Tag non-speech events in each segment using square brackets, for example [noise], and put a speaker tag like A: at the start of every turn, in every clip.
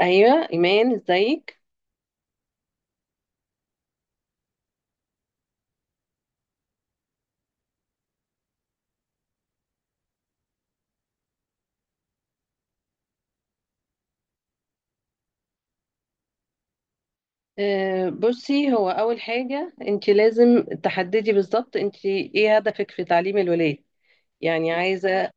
A: ايوه ايمان ازيك. بصي، هو اول حاجه انت لازم تحددي بالظبط انت ايه هدفك في تعليم الولاد، يعني عايزه.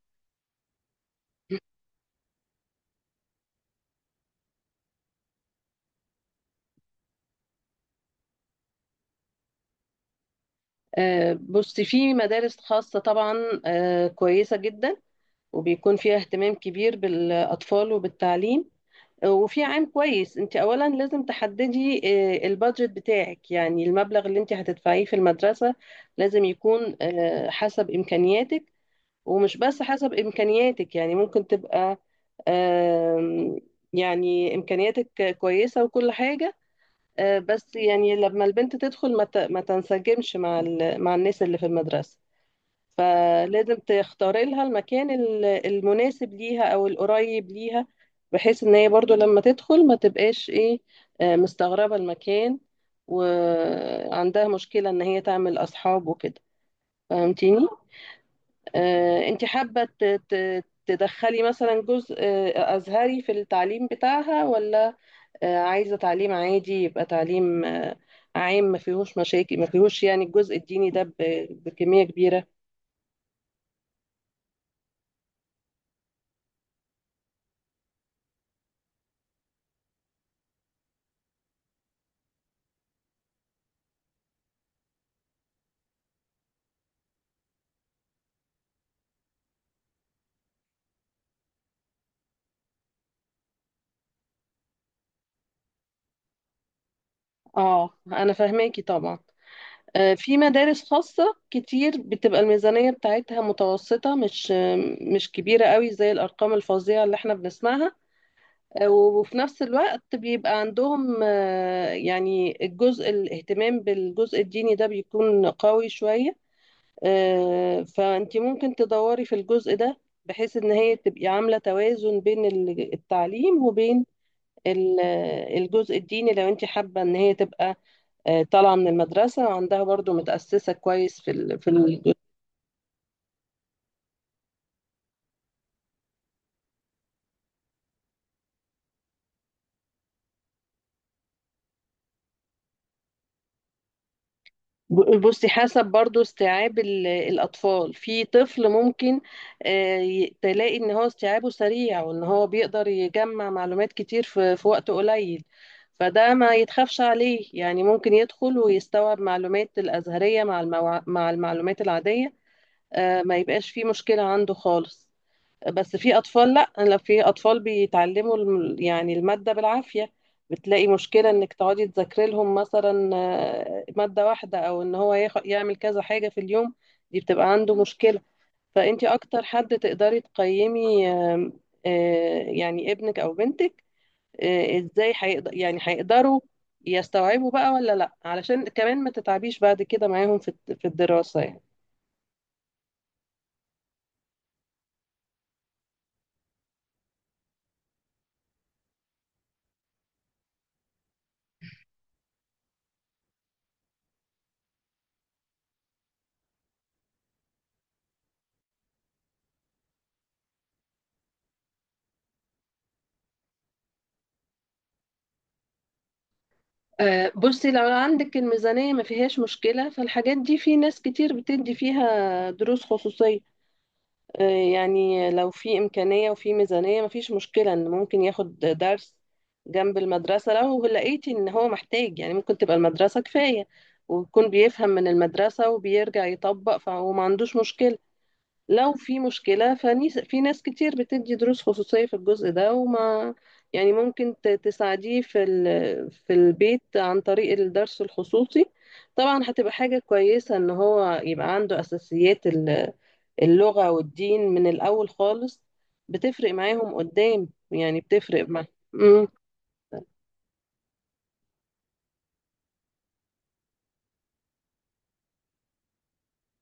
A: بصي في مدارس خاصه طبعا، كويسه جدا، وبيكون فيها اهتمام كبير بالاطفال وبالتعليم. وفي عام كويس. انت اولا لازم تحددي البادجت بتاعك، يعني المبلغ اللي انت هتدفعيه في المدرسه لازم يكون حسب امكانياتك. ومش بس حسب إمكانياتك، يعني ممكن تبقى آم، يعني إمكانياتك كويسة وكل حاجة، بس يعني لما البنت تدخل ما تنسجمش مع الناس اللي في المدرسة، فلازم تختاري لها المناسب ليها أو القريب ليها، بحيث إن هي برضو لما تدخل ما تبقاش إيه، مستغربة المكان وعندها مشكلة إن هي تعمل أصحاب وكده. فهمتيني؟ انت حابة تدخلي مثلا جزء أزهري في التعليم بتاعها، ولا عايزة تعليم عادي، يبقى تعليم عام ما فيهوش مشاكل، ما فيهوش يعني الجزء الديني ده بكمية كبيرة. اه انا فاهماكي طبعا. في مدارس خاصة كتير بتبقى الميزانية بتاعتها متوسطة، مش مش كبيرة قوي زي الأرقام الفظيعة اللي احنا بنسمعها، وفي نفس الوقت بيبقى عندهم، يعني الجزء الاهتمام بالجزء الديني ده بيكون قوي شوية. فأنت ممكن تدوري في الجزء ده، بحيث إن هي تبقي عاملة توازن التعليم وبين الجزء الديني، لو أنت حابة إن هي تبقى طالعة من المدرسة وعندها برضو متأسسة كويس في. بصي حسب برضو استيعاب الأطفال، في طفل ممكن تلاقي إن هو استيعابه سريع، وإن هو بيقدر يجمع معلومات كتير في وقت قليل، فده ما يتخافش عليه، يعني ممكن يدخل ويستوعب معلومات الأزهرية مع مع المعلومات العادية. ما يبقاش فيه مشكلة عنده خالص. بس في اطفال لا، لو في اطفال بيتعلموا يعني الماده بالعافيه، بتلاقي مشكله انك تقعدي تذاكري لهم مثلا ماده واحده، او ان هو يعمل كذا حاجه في اليوم، دي بتبقى عنده مشكله. فانت اكتر حد تقدري تقيمي، آم، آه، يعني ابنك او بنتك، ازاي هيقدروا يستوعبوا بقى ولا لا، علشان كمان ما تتعبيش بعد كده معاهم في الدراسه يعني. بصي لو عندك الميزانية ما فيهاش مشكلة، فالحاجات دي في ناس كتير بتدي فيها دروس خصوصية. آه، يعني لو في إمكانية وفي ميزانية ما فيش مشكلة إن ممكن ياخد درس جنب المدرسة. لو لقيتي إن هو محتاج، يعني ممكن تبقى المدرسة كفاية ويكون بيفهم من المدرسة وبيرجع يطبق، فهو ما عندوش مشكلة. لو في مشكلة فنيس، في ناس كتير بتدي دروس خصوصية في الجزء ده، وما يعني ممكن تساعديه في البيت عن طريق الدرس الخصوصي. طبعا هتبقى حاجة كويسة ان هو يبقى عنده اساسيات اللغة والدين من الاول خالص، بتفرق معاهم قدام، يعني بتفرق معاهم.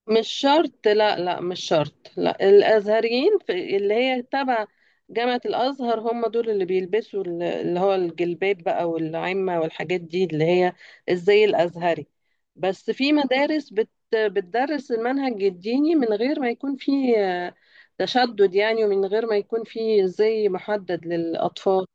A: مش شرط، لا لا مش شرط، لا الازهريين في اللي هي تبع جامعة الازهر، هم دول اللي بيلبسوا اللي هو الجلباب بقى والعمة والحاجات دي، اللي هي الزي الازهري. بس في مدارس بت بتدرس المنهج الديني من غير ما يكون فيه تشدد يعني، ومن غير ما يكون فيه زي محدد للاطفال.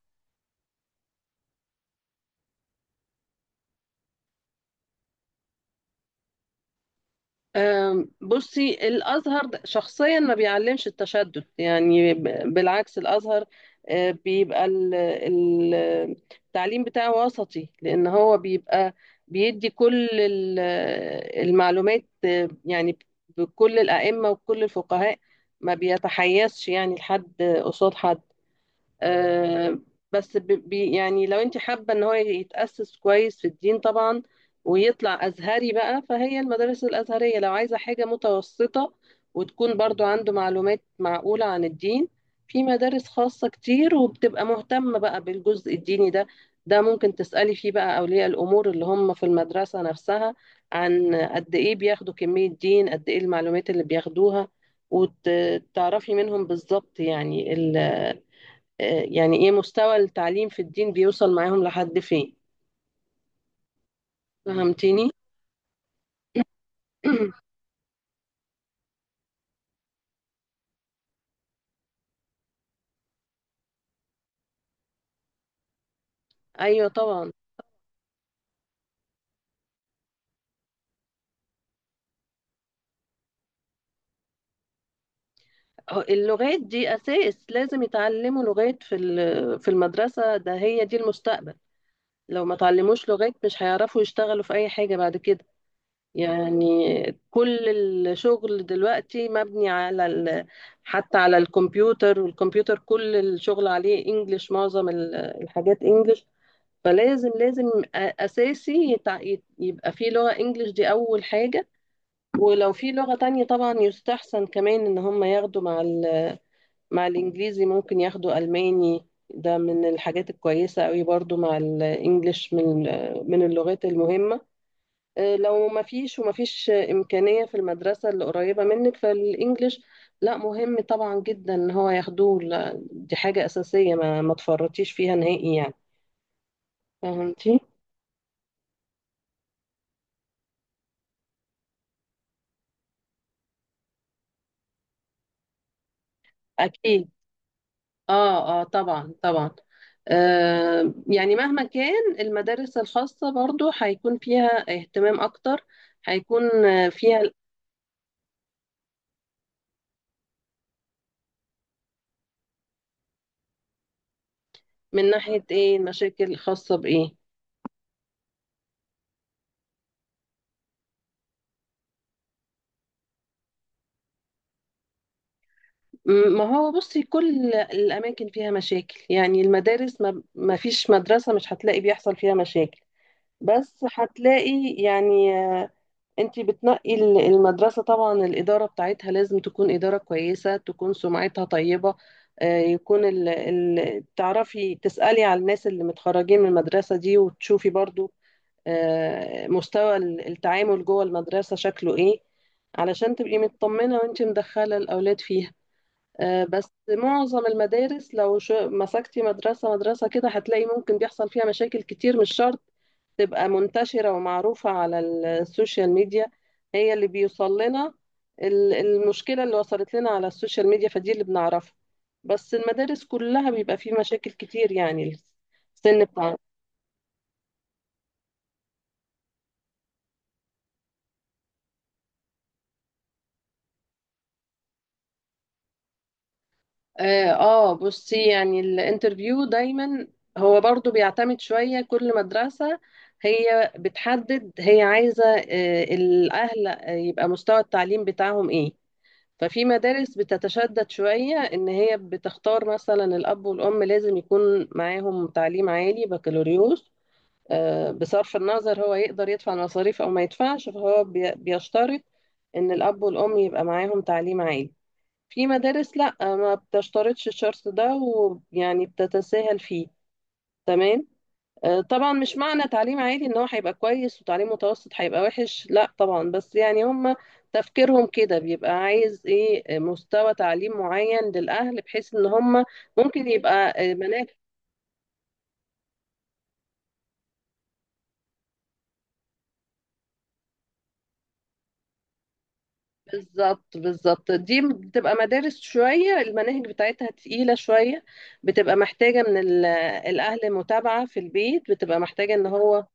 A: بصي الأزهر شخصيا ما بيعلمش التشدد، يعني بالعكس الأزهر بيبقى التعليم بتاعه وسطي، لأن هو بيبقى بيدي كل المعلومات، يعني بكل الأئمة وكل الفقهاء، ما بيتحيزش يعني لحد قصاد حد. آه، بس ب- بي يعني لو انت حابة ان هو يتأسس كويس في الدين طبعا، ويطلع أزهري بقى، فهي المدارس الأزهرية. لو عايزة حاجة متوسطة وتكون برضو عنده معلومات معقولة عن الدين، في مدارس خاصة كتير وبتبقى مهتمة بقى بالجزء الديني ده. ده ممكن تسألي فيه بقى أولياء الأمور اللي هم في المدرسة نفسها عن قد إيه بياخدوا، كمية دين قد إيه المعلومات اللي بياخدوها، وتعرفي منهم بالظبط. يعني يعني ايه مستوى التعليم في الدين بيوصل معاهم لحد فين. فهمتني؟ [clears throat] ايوه طبعا. هو اللغات دي اساس، لازم يتعلموا لغات في المدرسه، ده هي دي المستقبل. لو ما تعلموش لغات مش هيعرفوا يشتغلوا في اي حاجه بعد كده. يعني كل الشغل دلوقتي مبني حتى على الكمبيوتر، والكمبيوتر كل الشغل عليه انجليش، معظم الحاجات انجليش. لازم اساسي يبقى في لغة انجليش، دي اول حاجة. ولو في لغة تانية طبعا يستحسن كمان ان هم ياخدوا مع الانجليزي. ممكن ياخدوا الماني، ده من الحاجات الكويسة قوي برضو مع الانجليش، من من اللغات المهمة. لو ما فيش، وما فيش امكانية في المدرسة اللي قريبة منك، فالانجليش لا، مهم طبعا جدا ان هو ياخدوه، لا، دي حاجة اساسية ما تفرطيش فيها نهائي يعني. فهمتي؟ اكيد، اه اه طبعا طبعا. آه يعني مهما كان المدارس الخاصة برضو هيكون فيها اهتمام اكتر، هيكون فيها. من ناحية ايه المشاكل؟ الخاصة بايه؟ ما هو بصي كل الاماكن فيها مشاكل، يعني المدارس ما فيش مدرسة مش هتلاقي بيحصل فيها مشاكل، بس هتلاقي يعني انت بتنقي المدرسة، طبعا الإدارة بتاعتها لازم تكون إدارة كويسة، تكون سمعتها طيبة. يكون تعرفي تسألي على الناس اللي متخرجين من المدرسة دي، وتشوفي برضو مستوى التعامل جوه المدرسة شكله ايه، علشان تبقي مطمنة وانت مدخلة الأولاد فيها. بس معظم المدارس لو مسكتي مدرسة كده هتلاقي ممكن بيحصل فيها مشاكل كتير. مش شرط تبقى منتشرة ومعروفة على السوشيال ميديا، هي اللي بيوصل لنا المشكلة اللي وصلت لنا على السوشيال ميديا، فدي اللي بنعرفها، بس المدارس كلها بيبقى فيه مشاكل كتير يعني. السن بتاع اه. بصي يعني الانترفيو دايما هو برضو بيعتمد شوية. كل مدرسة هي بتحدد، هي عايزة الأهل يبقى مستوى التعليم بتاعهم ايه. ففي مدارس بتتشدد شوية إن هي بتختار مثلا الأب والأم لازم يكون معاهم تعليم عالي بكالوريوس، بصرف النظر هو يقدر يدفع المصاريف أو ما يدفعش، فهو بيشترط إن الأب والأم يبقى معاهم تعليم عالي. في مدارس لأ ما بتشترطش الشرط ده، ويعني بتتساهل فيه. تمام. طبعا مش معنى تعليم عالي ان هو هيبقى كويس وتعليم متوسط هيبقى وحش، لا طبعا، بس يعني هم تفكيرهم كده، بيبقى عايز ايه مستوى تعليم معين للأهل، بحيث ان هم ممكن يبقى مناهج. بالظبط، دي بتبقى مدارس شوية المناهج بتاعتها تقيلة شوية، بتبقى محتاجة من الأهل متابعة في البيت، بتبقى محتاجة ان هو.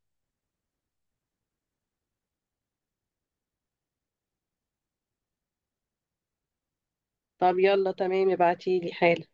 A: طب يلا تمام، ابعتيلي حالا.